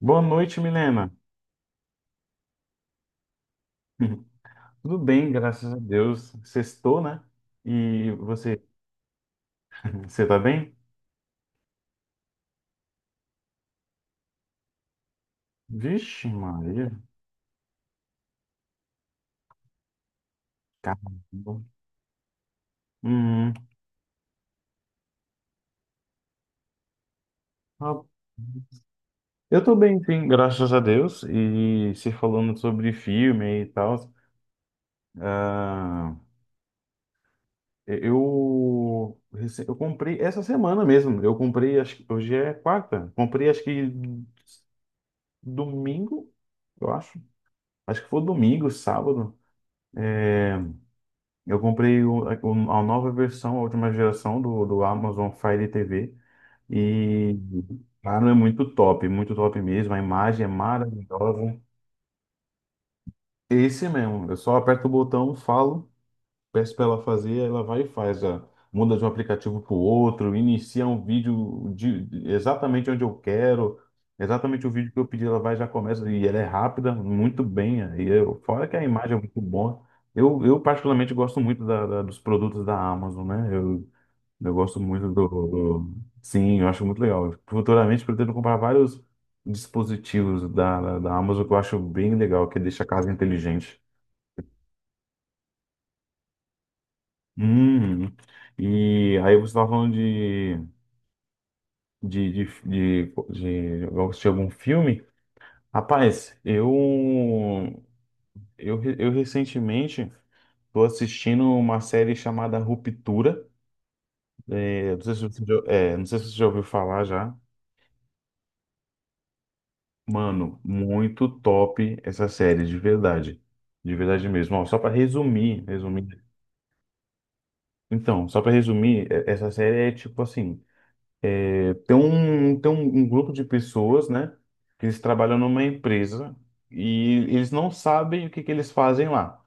Boa noite, Milena. Tudo bem, graças a Deus. Sextou, né? E você tá bem? Vixe, Maria. Caramba. Hum, ah, eu tô bem, sim, graças a Deus. E se falando sobre filme e tal, ah, eu comprei essa semana mesmo. Eu comprei, acho que hoje é quarta. Comprei, acho que domingo, eu acho. Acho que foi domingo, sábado. Eu comprei a nova versão, a última geração do Amazon Fire TV e, cara, é muito top mesmo. A imagem é maravilhosa. Esse mesmo, eu só aperto o botão, falo, peço para ela fazer, ela vai e faz, muda de um aplicativo para o outro, inicia um vídeo exatamente onde eu quero, exatamente o vídeo que eu pedi, ela vai e já começa, e ela é rápida, muito bem, e eu, fora que a imagem é muito boa, eu particularmente gosto muito dos produtos da Amazon, né, eu gosto muito do. Sim, eu acho muito legal, futuramente pretendo comprar vários dispositivos da Amazon, que eu acho bem legal, que deixa a casa inteligente. Hum, e aí você estava falando de assistir algum filme? Rapaz, eu recentemente tô assistindo uma série chamada Ruptura. É, não sei se você já ouviu falar já. Mano, muito top essa série, de verdade. De verdade mesmo. Ó, só para resumir, resumir. Então, só para resumir, essa série é tipo assim. Tem um grupo de pessoas, né, que eles trabalham numa empresa e eles não sabem o que que eles fazem lá.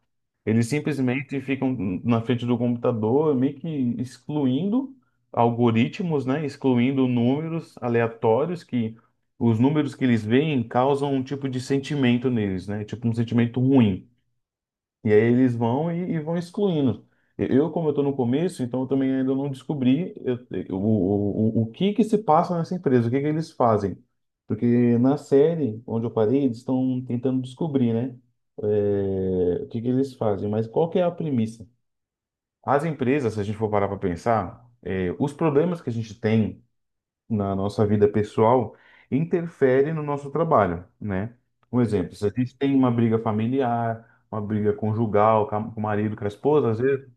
Eles simplesmente ficam na frente do computador, meio que excluindo algoritmos, né, excluindo números aleatórios, que os números que eles veem causam um tipo de sentimento neles, né, tipo um sentimento ruim. E aí eles vão e, vão excluindo. Eu, como eu estou no começo, então eu também ainda não descobri o que que se passa nessa empresa, o que que eles fazem. Porque na série onde eu parei, eles estão tentando descobrir, né? O que que eles fazem. Mas qual que é a premissa? As empresas, se a gente for parar para pensar, os problemas que a gente tem na nossa vida pessoal interfere no nosso trabalho, né? Um exemplo, se a gente tem uma briga familiar, uma briga conjugal com com o marido, com a esposa, às vezes,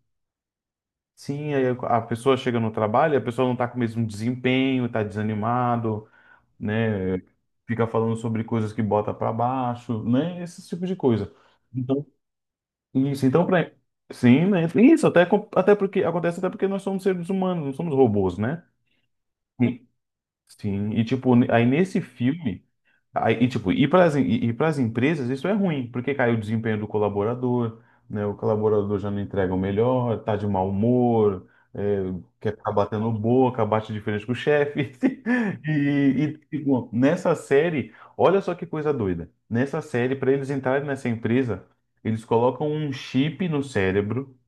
sim, aí a pessoa chega no trabalho, e a pessoa não está com o mesmo desempenho, está desanimado, né? Fica falando sobre coisas que bota para baixo, né? Esse tipo de coisa. Então, isso, então, sim, né? Isso, até, até porque acontece, até porque nós somos seres humanos, não somos robôs, né? Sim. Sim, e tipo, aí nesse filme aí, e tipo, e pras empresas isso é ruim, porque cai o desempenho do colaborador, né? O colaborador já não entrega o melhor, tá de mau humor, é, quer ficar batendo boca, bate de frente com o chefe. E, tipo, nessa série, olha só que coisa doida. Nessa série, para eles entrarem nessa empresa, eles colocam um chip no cérebro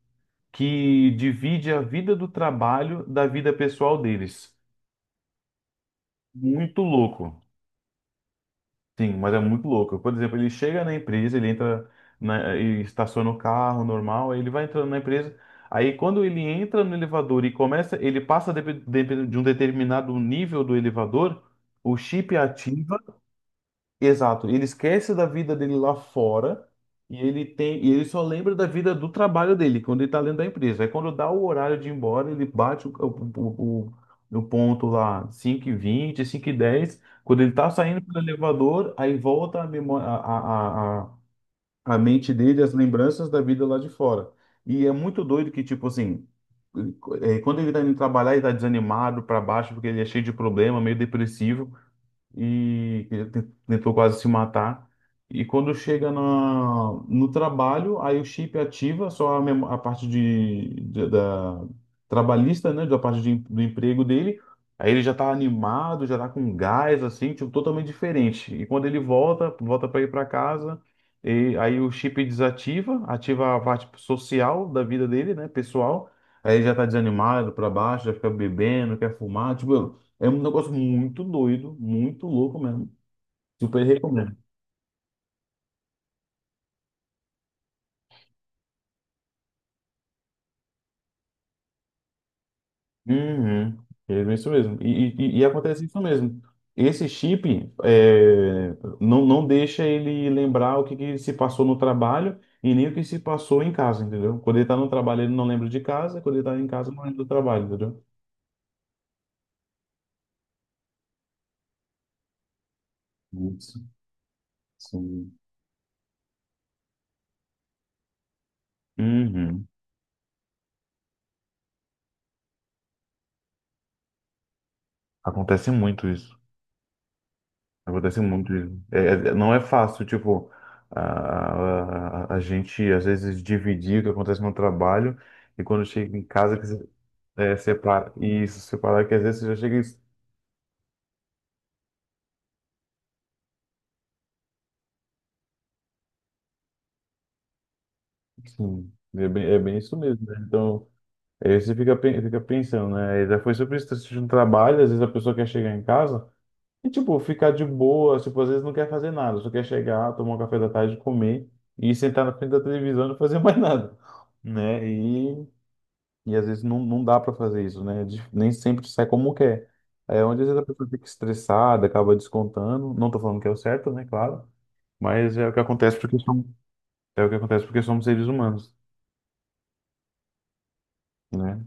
que divide a vida do trabalho da vida pessoal deles. Muito louco. Sim, mas é muito louco. Por exemplo, ele chega na empresa, ele entra e estaciona o carro normal, aí ele vai entrando na empresa. Aí quando ele entra no elevador e começa, ele passa de um determinado nível do elevador, o chip ativa. Exato, ele esquece da vida dele lá fora e ele só lembra da vida do trabalho dele, quando ele tá dentro da empresa. Aí quando dá o horário de ir embora, ele bate o ponto lá, cinco e vinte, cinco e dez. Quando ele tá saindo pelo elevador, aí volta a, memória, a mente dele, as lembranças da vida lá de fora. E é muito doido que, tipo assim, quando ele tá indo trabalhar, ele tá desanimado, pra baixo, porque ele é cheio de problema, meio depressivo e que tentou quase se matar. E quando chega no trabalho, aí o chip ativa só a parte da trabalhista, né, da parte do emprego dele. Aí ele já tá animado, já tá com gás, assim, tipo, totalmente diferente. E quando ele volta, para ir para casa, e aí o chip desativa, ativa a parte social da vida dele, né, pessoal. Aí ele já tá desanimado, para baixo, já fica bebendo, quer fumar, tipo, é um negócio muito doido, muito louco mesmo. Super recomendo. Uhum. É isso mesmo. E acontece isso mesmo. Esse chip não deixa ele lembrar o que, que se passou no trabalho e nem o que se passou em casa, entendeu? Quando ele tá no trabalho, ele não lembra de casa, quando ele tá em casa, não lembra do trabalho, entendeu? Isso, sim. Uhum. Acontece muito isso. Acontece muito isso. É, não é fácil, tipo, a gente às vezes dividir o que acontece no trabalho e quando chega em casa que separa. E isso, separar que às vezes você já chega. Sim, é bem isso mesmo, né? Então, aí você fica, fica pensando, né? Já foi sobre isso, tá assistindo um trabalho, às vezes a pessoa quer chegar em casa e, tipo, ficar de boa, tipo, às vezes não quer fazer nada, só quer chegar, tomar um café da tarde, comer e sentar na frente da televisão e não fazer mais nada, né? E às vezes não, não dá para fazer isso, né? Nem sempre sai como quer. É onde às vezes a pessoa fica estressada, acaba descontando. Não tô falando que é o certo, né? Claro. Mas é o que acontece porque somos seres humanos, né?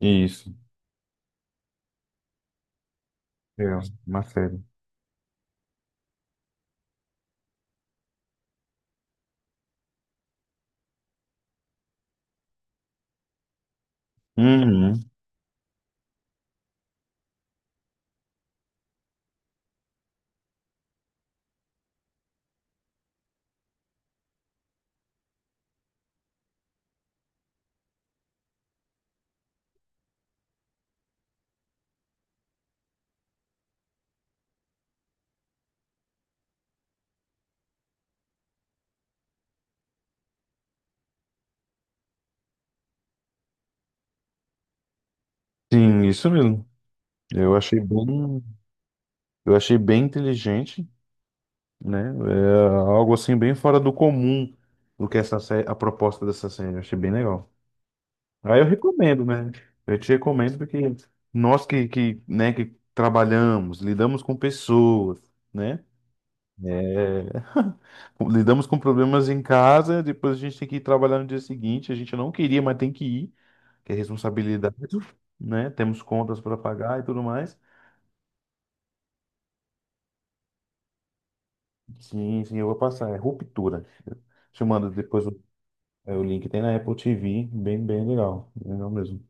Isso. É uma série. Uhum. Sim, isso mesmo. Eu achei bem, eu achei bem inteligente, né? É algo assim bem fora do comum do que essa série, a proposta dessa série. Eu achei bem legal. Aí eu recomendo, né? Eu te recomendo porque nós né, que trabalhamos, lidamos com pessoas, né? É, lidamos com problemas em casa, depois a gente tem que ir trabalhar no dia seguinte. A gente não queria, mas tem que ir, que é responsabilidade, né? Temos contas para pagar e tudo mais. Sim, sim, eu vou passar. É Ruptura. Te mando depois o link. Tem na Apple TV, bem, bem legal. Legal mesmo.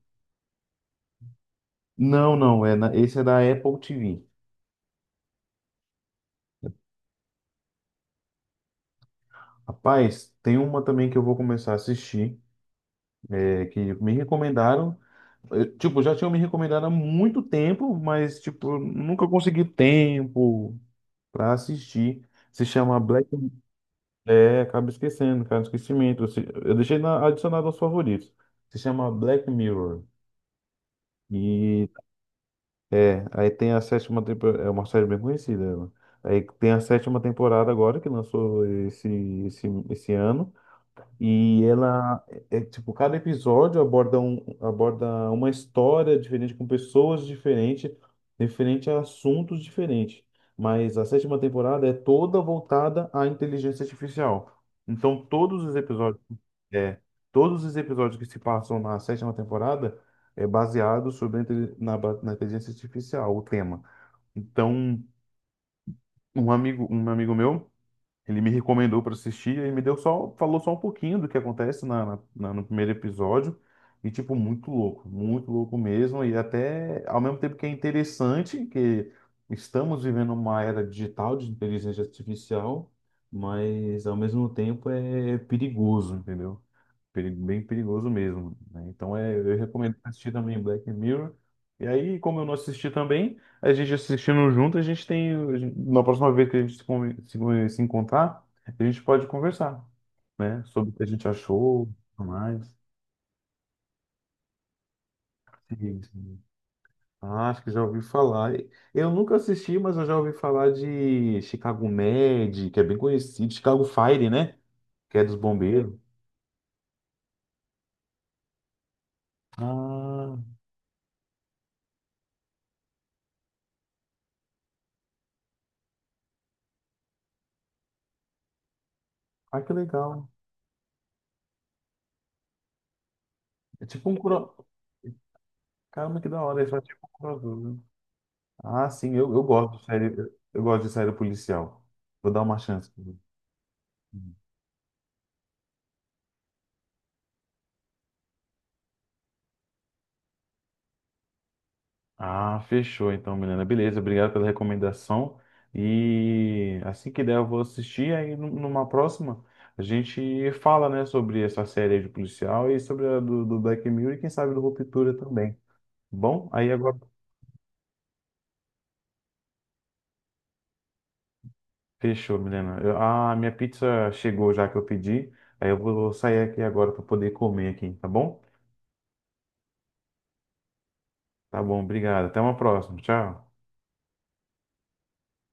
Não, não, esse é da Apple TV. Rapaz, tem uma também que eu vou começar a assistir, que me recomendaram. Tipo, já tinham me recomendado há muito tempo, mas, tipo, nunca consegui tempo pra assistir. Se chama Black. É, acaba esquecendo, cara, esquecimento. Eu se- eu deixei adicionado aos favoritos. Se chama Black Mirror. E aí tem a sétima temporada. É uma série bem conhecida, ela. Aí tem a sétima temporada agora, que lançou esse ano. E ela é, tipo, cada episódio aborda, uma história diferente, com pessoas diferentes, referente a assuntos diferentes. Mas a sétima temporada é toda voltada à inteligência artificial. Então, é, todos os episódios que se passam na sétima temporada é baseado sobre a inte- na, ba- na inteligência artificial, o tema. Então, um amigo meu, ele me recomendou para assistir e me deu só, falou só um pouquinho do que acontece no primeiro episódio. E, tipo, muito louco mesmo. E até, ao mesmo tempo que é interessante, que estamos vivendo uma era digital de inteligência artificial, mas, ao mesmo tempo, é perigoso, entendeu? Bem perigoso mesmo, né? Então eu recomendo assistir também Black Mirror. E aí, como eu não assisti também, a gente assistindo junto, a gente tem, na próxima vez que a gente se encontrar, a gente pode conversar, né? Sobre o que a gente achou, tudo mais. Sim, sim. Ah, acho que já ouvi falar. Eu nunca assisti, mas eu já ouvi falar de Chicago Med, que é bem conhecido, Chicago Fire, né? Que é dos bombeiros. Ah, ah, que legal. É tipo um cura... Caramba, que da hora, esse faz tipo um crossover. Ah, sim, eu gosto de série, eu gosto de série policial. Vou dar uma chance. Ah, fechou então, Milena. Beleza, obrigado pela recomendação. E assim que der, eu vou assistir. Aí numa próxima, a gente fala, né, sobre essa série aí de policial e sobre a do Black Mirror e quem sabe do Ruptura também. Bom, aí agora fechou, Milena. A minha pizza chegou já que eu pedi. Aí eu vou sair aqui agora para poder comer aqui, tá bom? Tá bom, obrigado. Até uma próxima. Tchau.